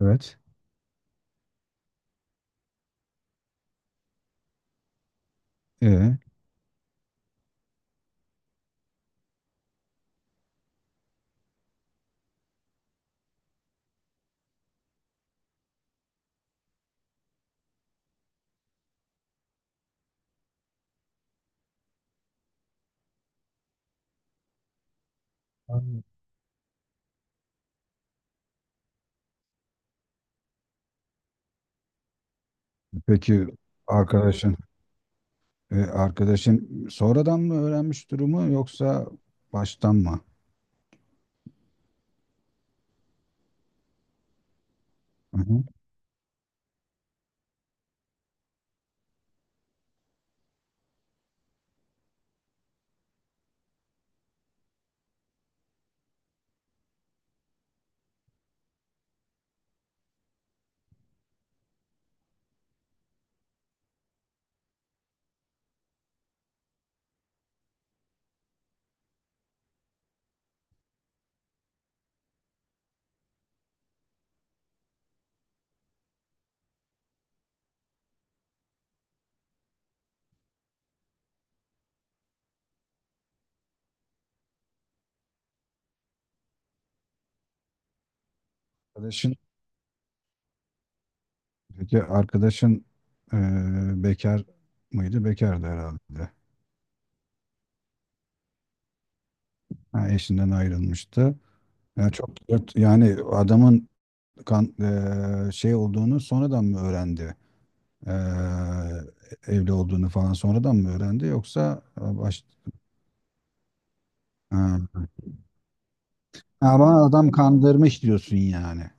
Evet. Ee, Aynen. peki arkadaşın e, arkadaşın sonradan mı öğrenmiş durumu yoksa baştan mı? Hı hı. Arkadaşın peki arkadaşın e, bekar mıydı? Bekardı herhalde. Ha, eşinden ayrılmıştı. Yani çok yani adamın kan, e, şey olduğunu sonradan mı öğrendi? E, Evli olduğunu falan sonradan mı öğrendi yoksa e, baş ha. Ama adam kandırmış diyorsun yani.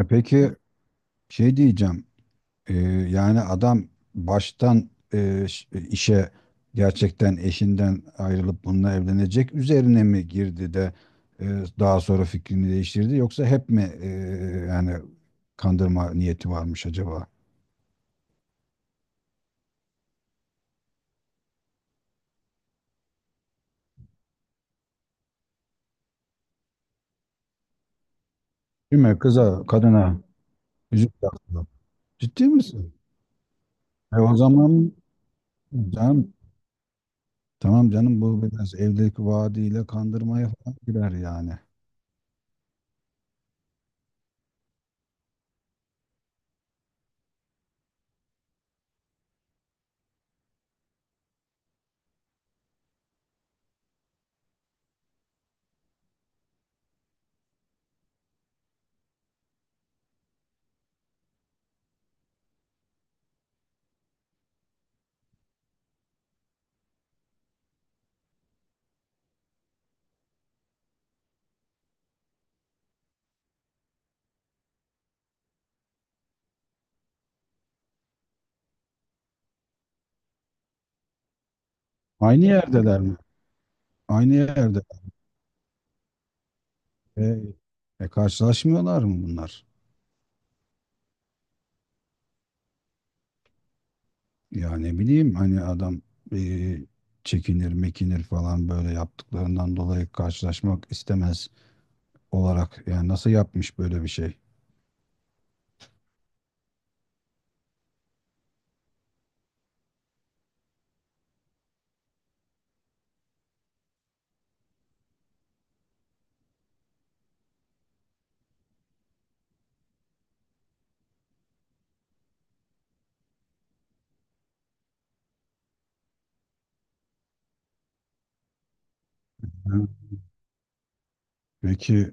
Peki, şey diyeceğim. e, Yani adam baştan işe gerçekten eşinden ayrılıp bununla evlenecek üzerine mi girdi de e, daha sonra fikrini değiştirdi yoksa hep mi yani kandırma niyeti varmış acaba? Değil mi? Kıza, kadına yüzük taktı. Ciddi misin? E o zaman canım, tamam canım, bu biraz evdeki vaadiyle kandırmaya falan girer yani. Aynı yerdeler mi? Aynı yerde. E, Karşılaşmıyorlar mı bunlar? Ya ne bileyim, hani adam e, çekinir mekinir falan, böyle yaptıklarından dolayı karşılaşmak istemez olarak. Yani nasıl yapmış böyle bir şey? Hı. Peki,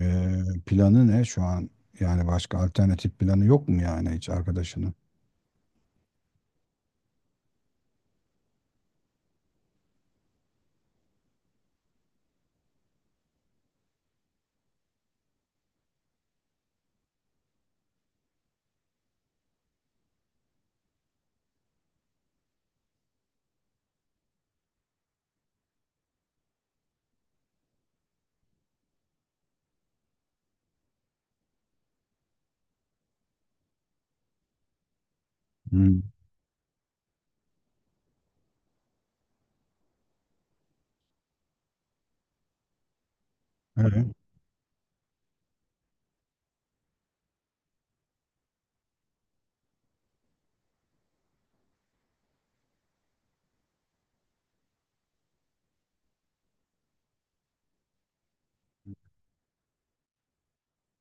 Planı ne şu an? Yani başka alternatif planı yok mu yani, hiç arkadaşının? Hmm. Evet.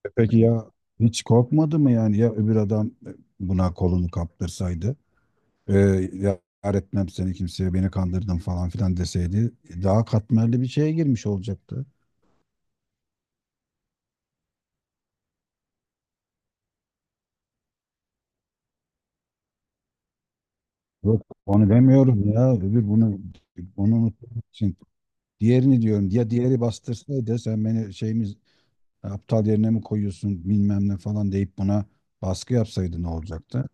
Peki ya hiç korkmadı mı yani, ya öbür adam buna kolunu kaptırsaydı? Ee, ya etmem seni kimseye, beni kandırdın falan filan deseydi, daha katmerli bir şeye girmiş olacaktı. Yok, onu demiyorum ya. Öbür bunu, onu unuttuğum için. Diğerini diyorum. Ya diğeri bastırsaydı sen beni, şeyimiz, aptal yerine mi koyuyorsun bilmem ne falan deyip buna baskı yapsaydı ne olacaktı?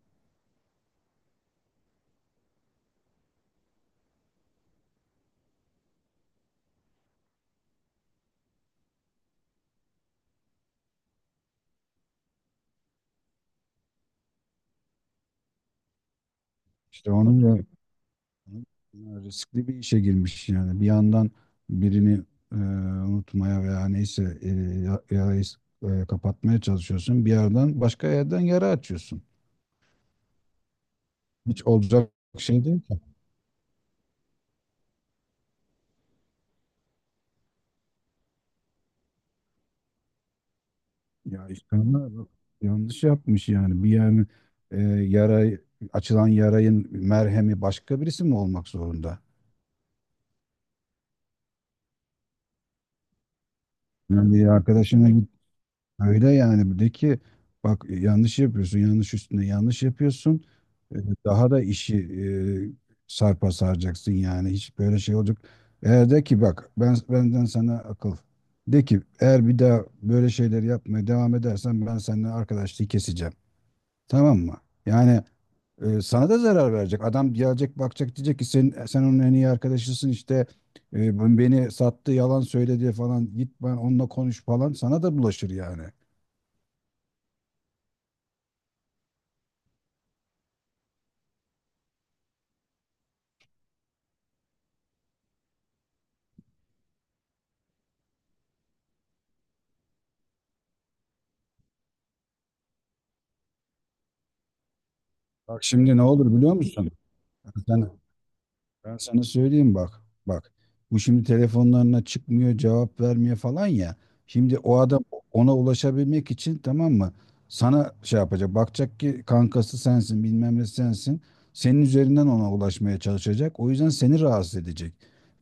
İşte onu da. Yani riskli bir işe girmiş yani. Bir yandan birini e, unutmaya veya neyse yarayı kapatmaya çalışıyorsun. Bir yandan başka yerden yara açıyorsun. Hiç olacak şey değil ki. Ya İskender, yanlış yapmış yani. Yani, yara açılan yarayın merhemi başka birisi mi olmak zorunda? Yani bir arkadaşına, öyle yani, bir, bak yanlış yapıyorsun, yanlış üstüne yanlış yapıyorsun. Ee, Daha da işi sarpa saracaksın yani, hiç böyle şey olacak. Eğer de ki bak, benden sana akıl. De ki eğer bir daha böyle şeyler yapmaya devam edersen, ben seninle arkadaşlığı keseceğim. Tamam mı? Yani, sana da zarar verecek. Adam gelecek, bakacak, diyecek ki sen onun en iyi arkadaşısın işte, beni sattı, yalan söyledi falan, git ben onunla konuş falan, sana da bulaşır yani. Bak şimdi ne olur biliyor musun? Sen, Ben sana söyleyeyim, bak. Bak. Bu şimdi telefonlarına çıkmıyor, cevap vermiyor falan ya. Şimdi o adam ona ulaşabilmek için, tamam mı, sana şey yapacak. Bakacak ki kankası sensin, bilmem ne sensin. Senin üzerinden ona ulaşmaya çalışacak. O yüzden seni rahatsız edecek.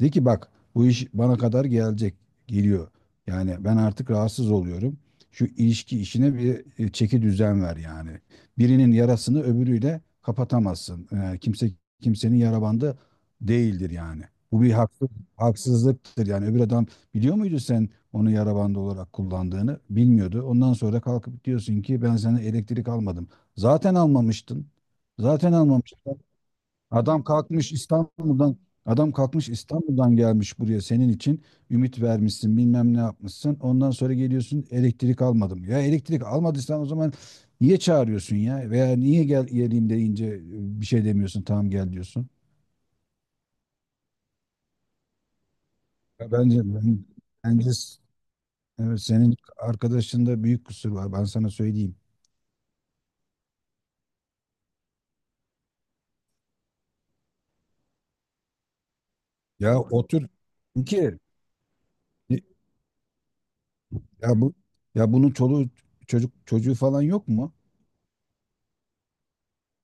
De ki bak, bu iş bana kadar gelecek, geliyor. Yani ben artık rahatsız oluyorum. Şu ilişki işine bir çeki düzen ver yani. Birinin yarasını öbürüyle kapatamazsın. Yani kimse kimsenin yara bandı değildir yani. Bu haksızlıktır yani. Öbür adam biliyor muydu sen onu yara bandı olarak kullandığını? Bilmiyordu. Ondan sonra kalkıp diyorsun ki ben sana elektrik almadım. Zaten almamıştın. Zaten almamıştın. Adam kalkmış İstanbul'dan Adam kalkmış İstanbul'dan gelmiş buraya senin için, ümit vermişsin bilmem ne yapmışsın. Ondan sonra geliyorsun, elektrik almadım. Ya elektrik almadıysan o zaman niye çağırıyorsun ya? Veya niye gel geleyim deyince bir şey demiyorsun, tamam gel diyorsun. Ya bence, ben, bence s- evet, senin arkadaşında büyük kusur var. Ben sana söyleyeyim. Ya otur, iki, ya bu, ya bunun çoluğu çocuk çocuğu falan yok mu?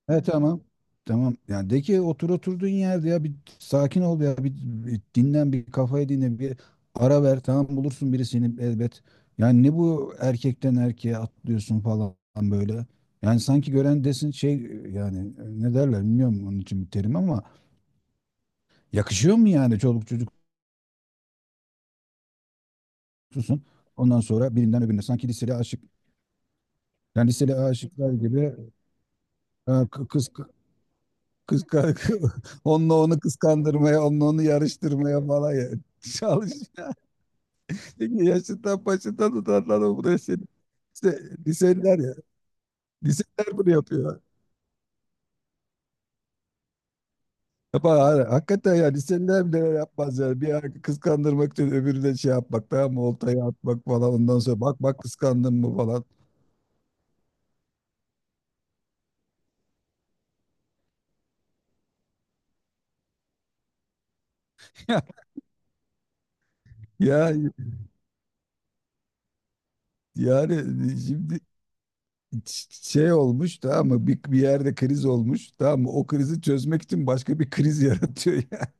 He tamam. Tamam. Yani de ki otur oturduğun yerde, ya bir sakin ol, ya bir dinlen, bir kafayı dinle, bir ara ver, tamam bulursun birisini elbet. Yani ne bu erkekten erkeğe atlıyorsun falan böyle. Yani sanki gören desin, şey yani, ne derler bilmiyorum onun için bir terim, ama yakışıyor mu yani çoluk çocuk tutsun. Ondan sonra birinden öbürüne, sanki liseli aşık. Yani liseli aşıklar gibi, ha, kız kız onunla onu kıskandırmaya, onunla onu yarıştırmaya falan ya. Çalış. Peki yaşından başından tutarlar o buraya seni. İşte liseliler ya. Liseliler bunu yapıyor. Yapar, ha, hakikaten ya, liseliler bile öyle yapmaz yani. Bir ara kıskandırmak için öbürüne şey yapmak, tamam mı? Oltayı atmak falan, ondan sonra bak bak kıskandın mı falan. Ya yani şimdi şey olmuş, tamam mı? Bir yerde kriz olmuş, tamam mı? O krizi çözmek için başka bir kriz yaratıyor ya.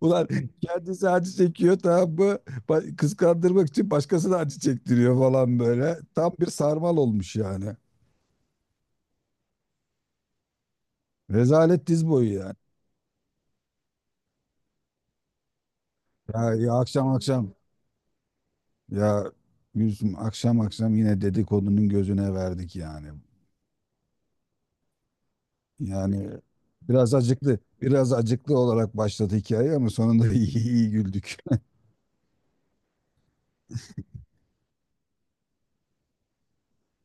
Ulan kendisi acı çekiyor, tamam mı? Kıskandırmak için başkasına acı çektiriyor falan böyle. Tam bir sarmal olmuş yani. Rezalet diz boyu yani. Ya, akşam akşam, ya Gülsüm, akşam akşam yine dedikodunun gözüne verdik yani. Yani biraz acıklı, biraz acıklı olarak başladı hikaye ama sonunda iyi, iyi güldük.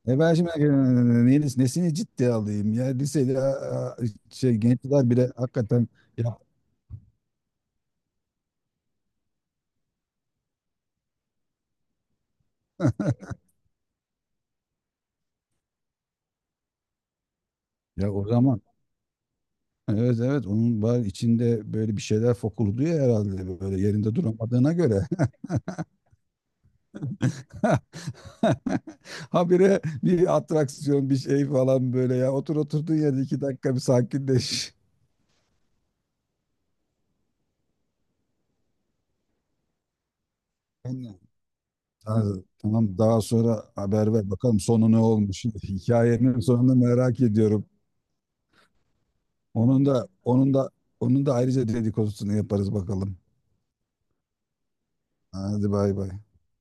Ben şimdi nesini ciddiye alayım, ya lisede şey, gençler bile hakikaten. Ya, ya o zaman, evet, evet, onun var içinde böyle bir şeyler fokurduyor herhalde, böyle yerinde duramadığına göre habire bir atraksiyon bir şey falan böyle, ya otur oturduğun yerde 2 dakika bir sakinleş. Aynen. Ha, tamam, daha sonra haber ver bakalım sonu ne olmuş. Hikayenin sonunu merak ediyorum. Onun da onun da onun da ayrıca dedikodusunu yaparız bakalım. Hadi bay bay.